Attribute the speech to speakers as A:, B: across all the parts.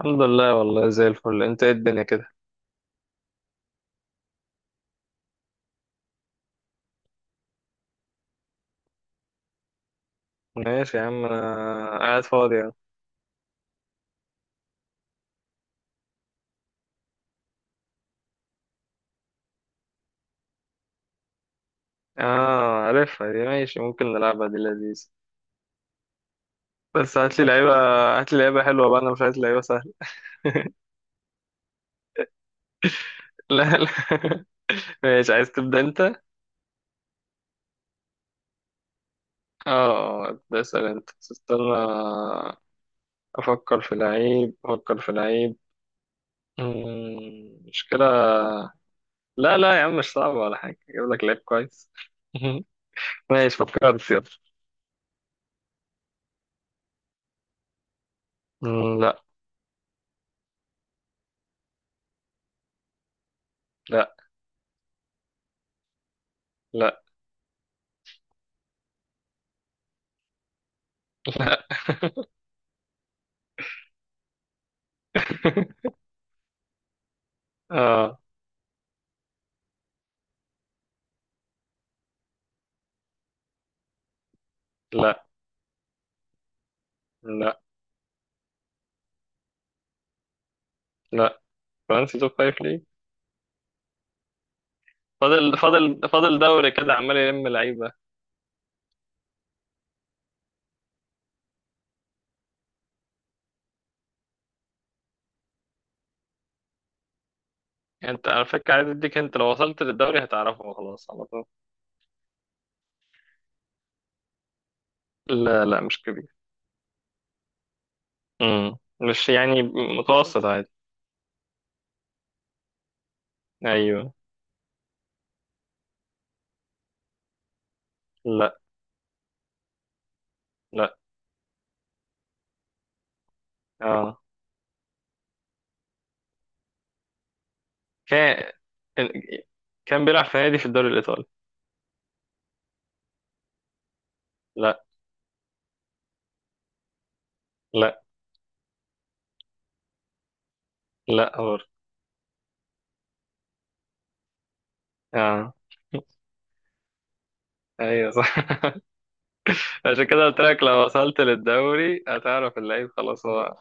A: الحمد لله، والله زي الفل. انت ايه الدنيا كده؟ ماشي يا عم، انا قاعد فاضي يعني. اه، عارفها دي. ماشي، ممكن نلعبها، دي لذيذ. بس هات لي لعيبه حلوه بقى، انا مش عايز لعيبه سهله. لا لا. ماشي، عايز تبدا انت؟ اه. اه، ابدا اسال انت بس استنى. افكر في لعيب، افكر في لعيب. مشكله. لا لا يا عم، مش صعبه ولا حاجه، اجيب لك لعيب كويس. ماشي فكرت، يلا. مم، لا لا. لا لا. اه، لا لا. لا، فرنسي توب فايف ليه؟ فاضل فاضل فاضل دوري كده، عمال يلم لعيبه. يعني انت على فكره، عايز اديك، انت لو وصلت للدوري هتعرفه خلاص على طول. لا لا، مش كبير. مش يعني. متوسط، عادي. ايوه. لا لا. اه كان كان بيلعب في نادي في الدوري الايطالي. لا لا لا، هور. اه. ايوه صح. عشان كده قلت لك، لو وصلت للدوري هتعرف اللعيب خلاص. هو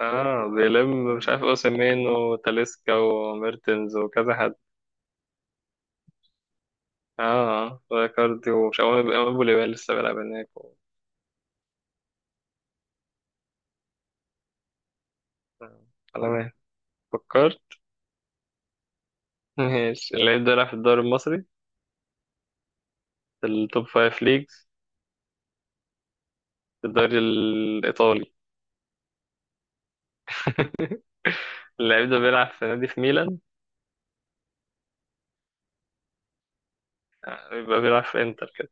A: اه بيلم، مش عارف اوسيمين وتاليسكا وميرتنز وكذا حد. اه كاردي، ومش عارف ابو ليبال لسه بيلعب هناك و... آه، على ما فكرت. ماشي، اللعيب ده لعب في الدوري المصري. في التوب فايف ليجز. في الدوري الايطالي. اللعيب ده بيلعب في نادي في ميلان. يبقى بيلعب في انتر كده.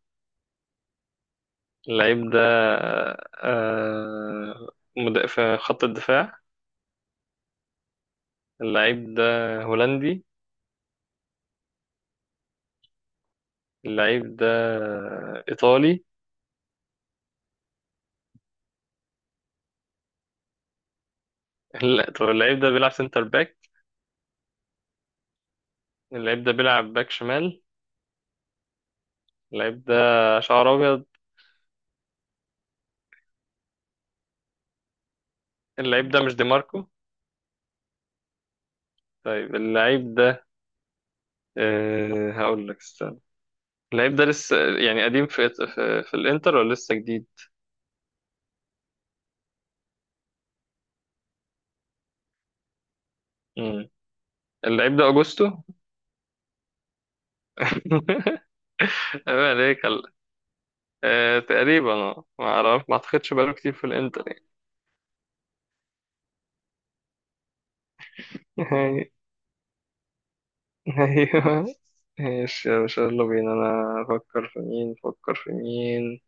A: اللعيب ده آه في خط الدفاع. اللعيب ده هولندي. اللعيب ده إيطالي. لا، طب اللعيب ده بيلعب سنتر باك. اللعيب ده بيلعب باك شمال. اللعيب ده شعر ابيض. اللعيب ده مش دي ماركو. طيب اللعيب ده، هقول لك استنى. اللعيب ده لسه يعني قديم في الانتر، ولا لسه جديد؟ مم. اللعيب ده اوجوستو. ايوه، عليك هلا. تقريبا، ما اعرف، ما اعتقدش بقاله كتير في الانتر يعني. ايوه. ماشي يا باشا، يلا بينا، انا افكر في مين، افكر في مين.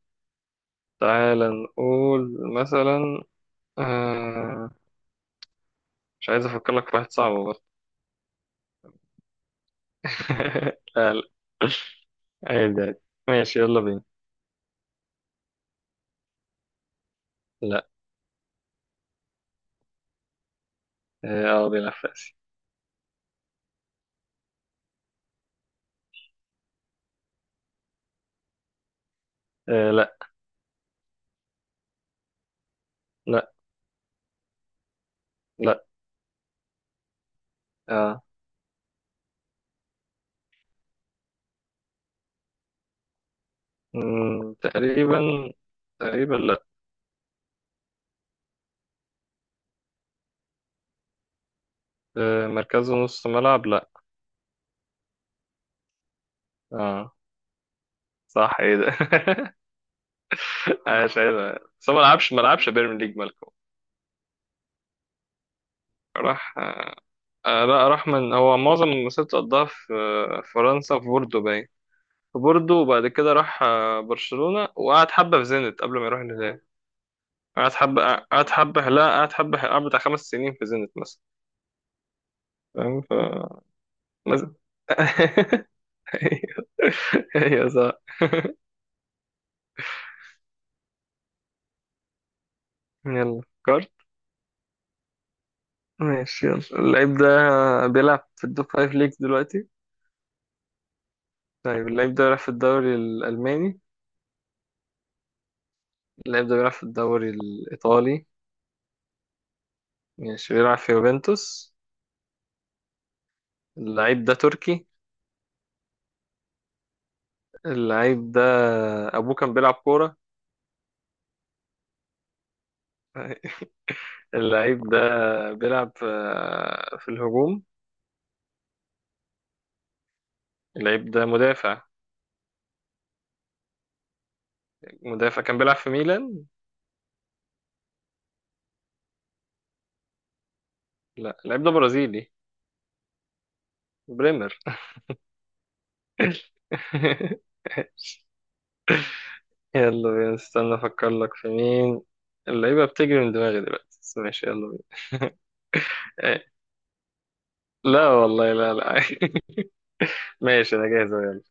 A: تعال نقول مثلا. آه مش عايز افكر لك في واحد صعب برضه. لا لا. عادي عادي. ماشي، يلا بينا. لا. اه، بيلعب في اسيا. آه، لا. لا. لا. آه. تقريبا. تقريبا، لا. مركزه نص ملعب. لا. اه صح، ايه ده! عايش عايز. بس هو ما لعبش ما لعبش بيرم ليج، مالكم. راح آه. لا، راح. من هو معظم مسيرته قضاها في فرنسا، في بوردو، باين. في بوردو، وبعد كده راح برشلونة، وقعد حبة في زينت قبل ما يروح الهلال. قعدت حبة قعدت حبة لا قعدت حبة حلقة بتاع 5 سنين في زينت مثلا. فاهم مثلا. ايوه. ايوه صح. يلا كارت. ماشي يلا، اللعيب ده بيلعب في التوب فايف ليجز دلوقتي. طيب اللعيب ده بيلعب في الدوري الألماني. اللعيب ده بيلعب في الدوري الإيطالي. ماشي، بيلعب في يوفنتوس. اللعيب ده تركي. اللعيب ده أبوه كان بيلعب كورة. اللعيب ده بيلعب في الهجوم. اللعيب ده مدافع. مدافع كان بيلعب في ميلان. لا، اللاعب ده برازيلي. بريمر. يلا بينا، استنى افكر لك في مين. اللعيبه بتجري من دماغي دلوقتي، بس ماشي يلا بينا. إيه. لا والله، لا لا. ماشي انا جاهز أهو، يلا.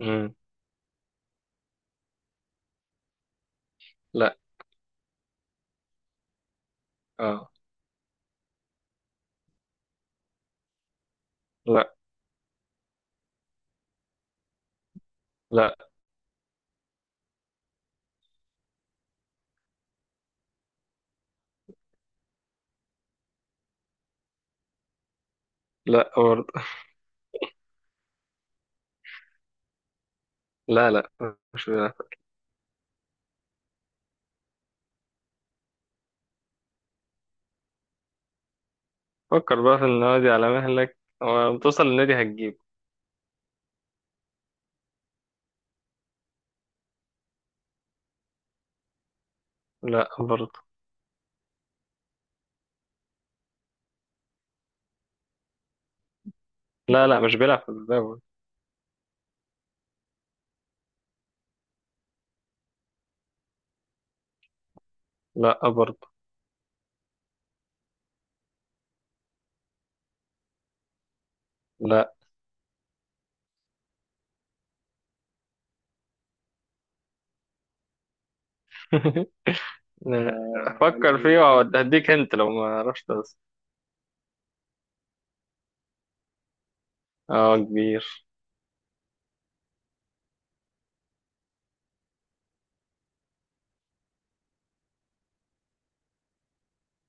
A: مم. لا. اه. لا. لا. لا برضه. لا لا، مش بيلعب. فكر بقى في النادي على مهلك، ولما توصل للنادي هتجيب. لا برضه. لا لا، مش بيلعب في الدوري. لا برضه. لا. افكر فيه وهديك انت لو ما عرفتش بس. اه كبير.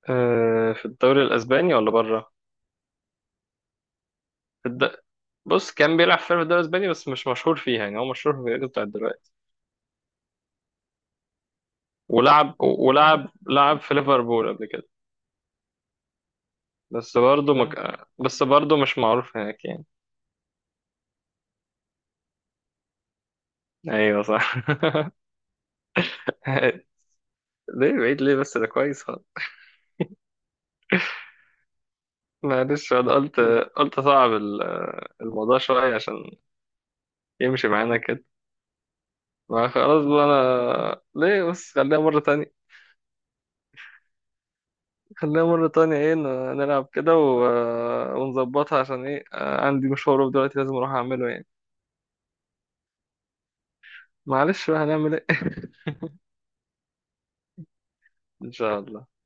A: في الدوري الاسباني ولا بره؟ في الد... بص كان بيلعب في الدوري الاسباني بس مش مشهور فيها، يعني هو مشهور في الفريق بتاع دلوقتي. ولعب ولعب لعب في ليفربول قبل كده. بس برضه مش معروف هناك يعني. ايوه صح. ليه بعيد، ليه؟ بس ده كويس خالص. معلش، انا قلت صعب الموضوع شوية عشان يمشي معانا كده. ما خلاص بقى، انا ليه؟ بس خليها مرة تانية. خلينا مرة تانية ايه نلعب كده و... آه، ونظبطها عشان ايه عندي مشوار دلوقتي لازم اروح اعمله يعني. معلش بقى، هنعمل ايه؟ ان شاء الله.